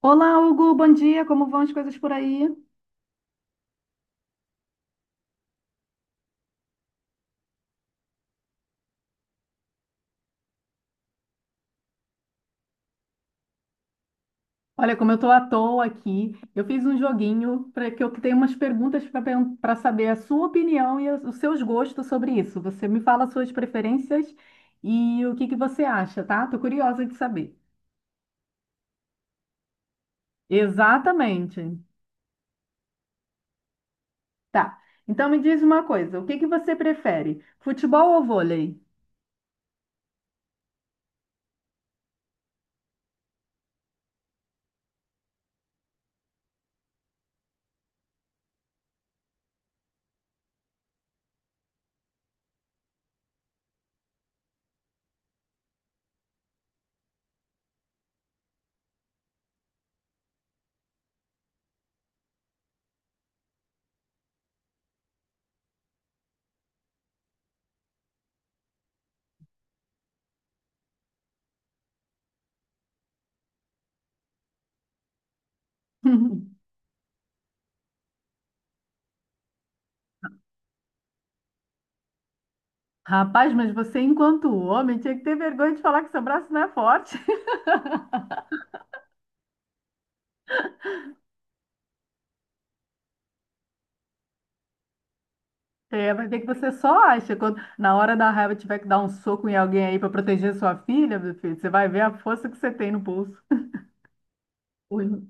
Olá, Hugo, bom dia. Como vão as coisas por aí? Olha, como eu estou à toa aqui, eu fiz um joguinho para que eu tenho umas perguntas para saber a sua opinião e os seus gostos sobre isso. Você me fala as suas preferências e o que que você acha, tá? Tô curiosa de saber. Exatamente. Tá. Então me diz uma coisa, o que que você prefere? Futebol ou vôlei? Rapaz, mas você, enquanto homem, tinha que ter vergonha de falar que seu braço não é forte. É, vai ver que você só acha. Quando na hora da raiva tiver que dar um soco em alguém aí para proteger sua filha, meu filho, você vai ver a força que você tem no bolso. Ui,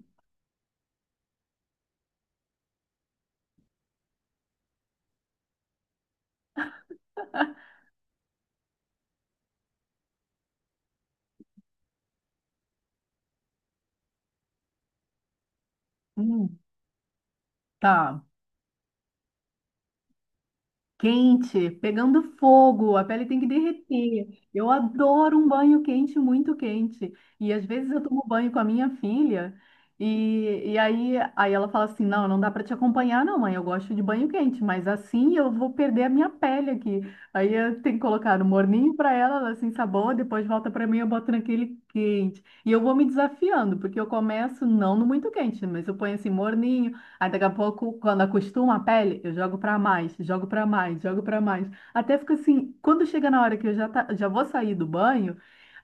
hum, tá. Quente, pegando fogo, a pele tem que derreter. Eu adoro um banho quente, muito quente. E às vezes eu tomo banho com a minha filha e aí ela fala assim: Não, não dá para te acompanhar, não, mãe. Eu gosto de banho quente, mas assim eu vou perder a minha pele aqui. Aí eu tenho que colocar no morninho para ela, ela se ensaboa, depois volta para mim, eu boto naquele quente. E eu vou me desafiando, porque eu começo não no muito quente, mas eu ponho assim morninho. Aí daqui a pouco, quando acostuma a pele, eu jogo pra mais, jogo pra mais, jogo pra mais. Até fica assim, quando chega na hora que eu já vou sair do banho,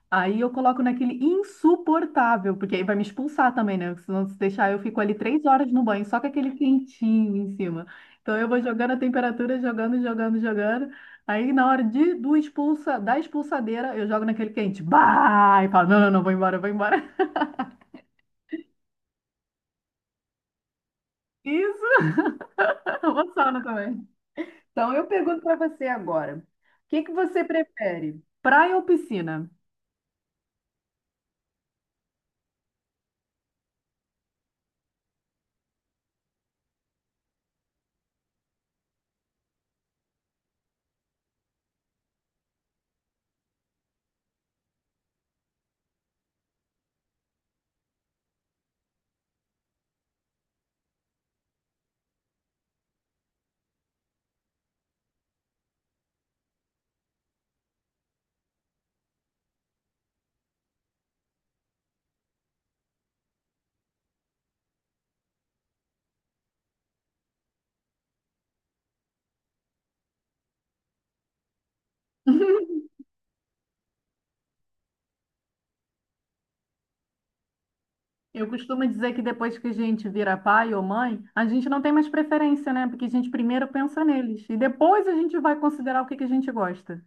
aí eu coloco naquele insuportável, porque aí vai me expulsar também, né? Se não se deixar, eu fico ali 3 horas no banho, só com aquele quentinho em cima. Então eu vou jogando a temperatura, jogando, jogando, jogando. Aí na hora da expulsadeira, eu jogo naquele quente. Bah! E falo, não, não, não, vou embora, vou embora. Isso, eu vou sauna também. Então, eu pergunto para você agora: o que que você prefere, praia ou piscina? Eu costumo dizer que depois que a gente vira pai ou mãe, a gente não tem mais preferência, né? Porque a gente primeiro pensa neles e depois a gente vai considerar o que que a gente gosta.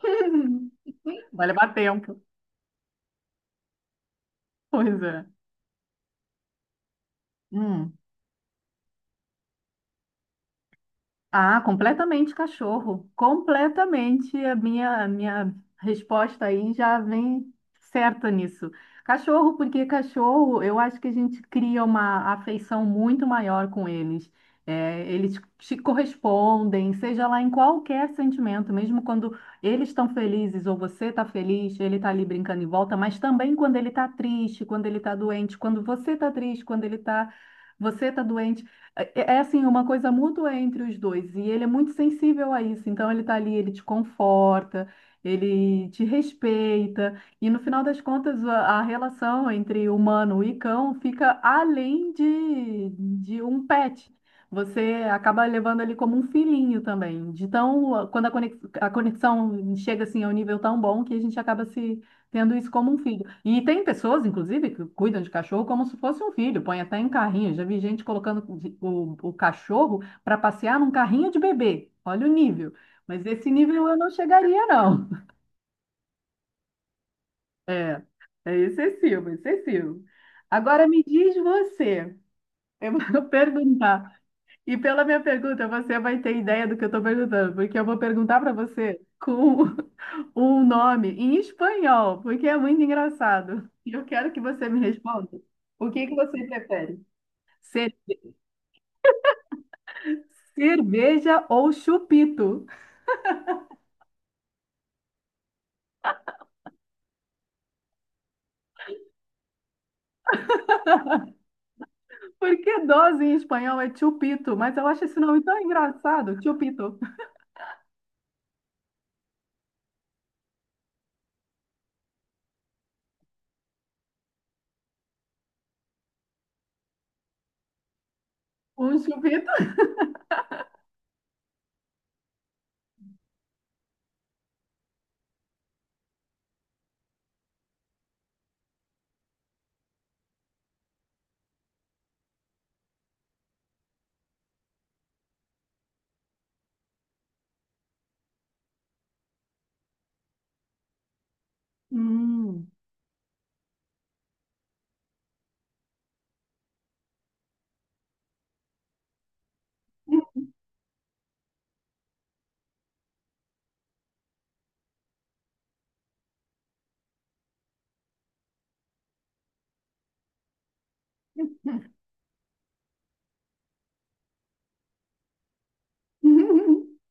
Vai levar tempo. Pois é. Hum. Ah, completamente cachorro. Completamente. A minha resposta aí já vem certa nisso. Cachorro, porque cachorro, eu acho que a gente cria uma afeição muito maior com eles. É, eles te correspondem, seja lá em qualquer sentimento, mesmo quando eles estão felizes ou você está feliz, ele está ali brincando em volta, mas também quando ele está triste, quando ele está doente, quando você está triste, quando ele está, você está doente. É assim, uma coisa mútua entre os dois, e ele é muito sensível a isso, então ele tá ali, ele te conforta, ele te respeita, e no final das contas a relação entre humano e cão fica além de um pet. Você acaba levando ele como um filhinho também. De tão, quando a conexão chega assim a um nível tão bom que a gente acaba se tendo isso como um filho. E tem pessoas, inclusive, que cuidam de cachorro como se fosse um filho, põe até em carrinho. Já vi gente colocando o cachorro para passear num carrinho de bebê. Olha o nível. Mas esse nível eu não chegaria, não. É, é excessivo, excessivo. Agora me diz você, eu vou perguntar. E pela minha pergunta, você vai ter ideia do que eu estou perguntando, porque eu vou perguntar para você com um nome em espanhol, porque é muito engraçado. E eu quero que você me responda. O que que você prefere? Ser cerveja ou chupito? Porque dose em espanhol é chupito, mas eu acho esse nome tão engraçado, chupito. Um chupito? Hum.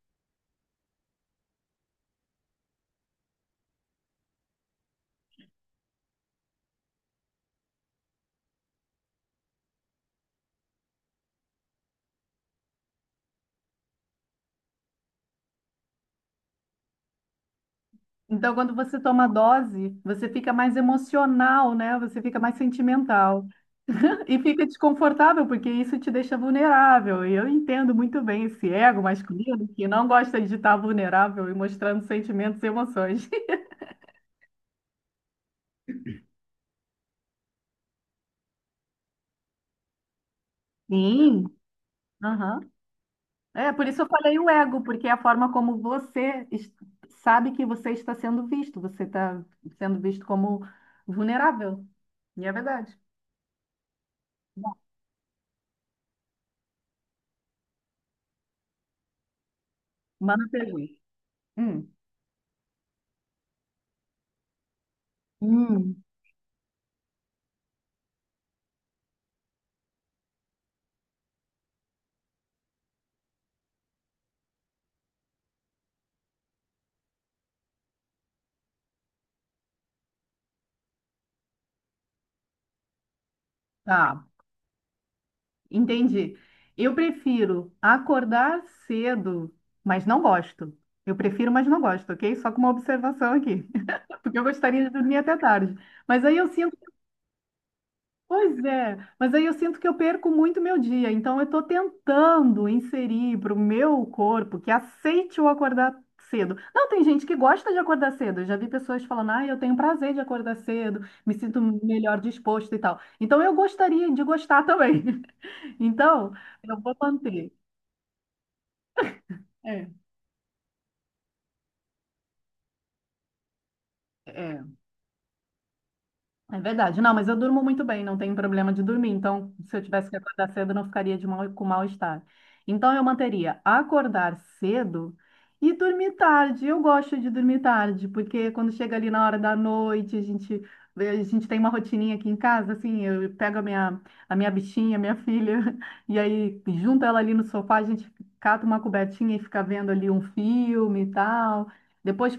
Então, quando você toma dose, você fica mais emocional, né? Você fica mais sentimental. E fica desconfortável, porque isso te deixa vulnerável. E eu entendo muito bem esse ego masculino que não gosta de estar vulnerável e mostrando sentimentos e emoções. Sim, aham. É, por isso eu falei o ego, porque é a forma como você sabe que você está sendo visto. Você está sendo visto como vulnerável. E é verdade. Bom, manda a pergunta. Hum. Hum, tá. Entendi. Eu prefiro acordar cedo, mas não gosto. Eu prefiro, mas não gosto, ok? Só com uma observação aqui. Porque eu gostaria de dormir até tarde. Mas aí eu sinto, pois é, mas aí eu sinto que eu perco muito meu dia. Então eu estou tentando inserir para o meu corpo que aceite o acordar cedo. Não, tem gente que gosta de acordar cedo. Eu já vi pessoas falando, ah, eu tenho prazer de acordar cedo, me sinto melhor disposto e tal. Então eu gostaria de gostar também. Então, eu vou manter. É, é, É verdade. Não, mas eu durmo muito bem, não tenho problema de dormir. Então, se eu tivesse que acordar cedo, eu não ficaria de mal, com mal-estar. Então, eu manteria acordar cedo e dormir tarde. Eu gosto de dormir tarde, porque quando chega ali na hora da noite, a gente tem uma rotininha aqui em casa, assim, eu pego a minha bichinha, a minha filha, e aí junto ela ali no sofá, a gente cata uma cobertinha e fica vendo ali um filme e tal. Depois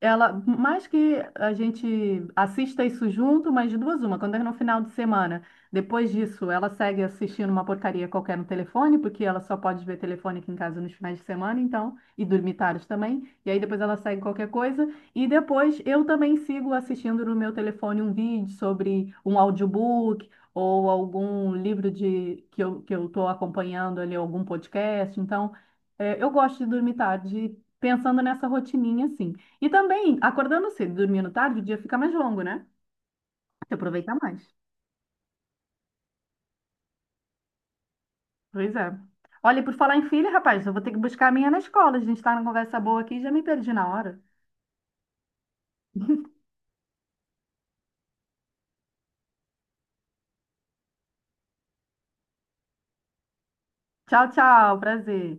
ela, mais que a gente assista isso junto, mas de duas uma, quando é no final de semana, depois disso, ela segue assistindo uma porcaria qualquer no telefone, porque ela só pode ver telefone aqui em casa nos finais de semana, então, e dormir tarde também, e aí depois ela segue qualquer coisa, e depois eu também sigo assistindo no meu telefone um vídeo sobre um audiobook ou algum livro de que que eu estou acompanhando ali, algum podcast, então, eu gosto de dormir tarde, pensando nessa rotininha, assim. E também, acordando cedo e dormindo tarde, o dia fica mais longo, né? Você aproveita mais. Pois é. Olha, e por falar em filha, rapaz, eu vou ter que buscar a minha na escola. A gente tá numa conversa boa aqui e já me perdi na hora. Tchau, tchau. Prazer.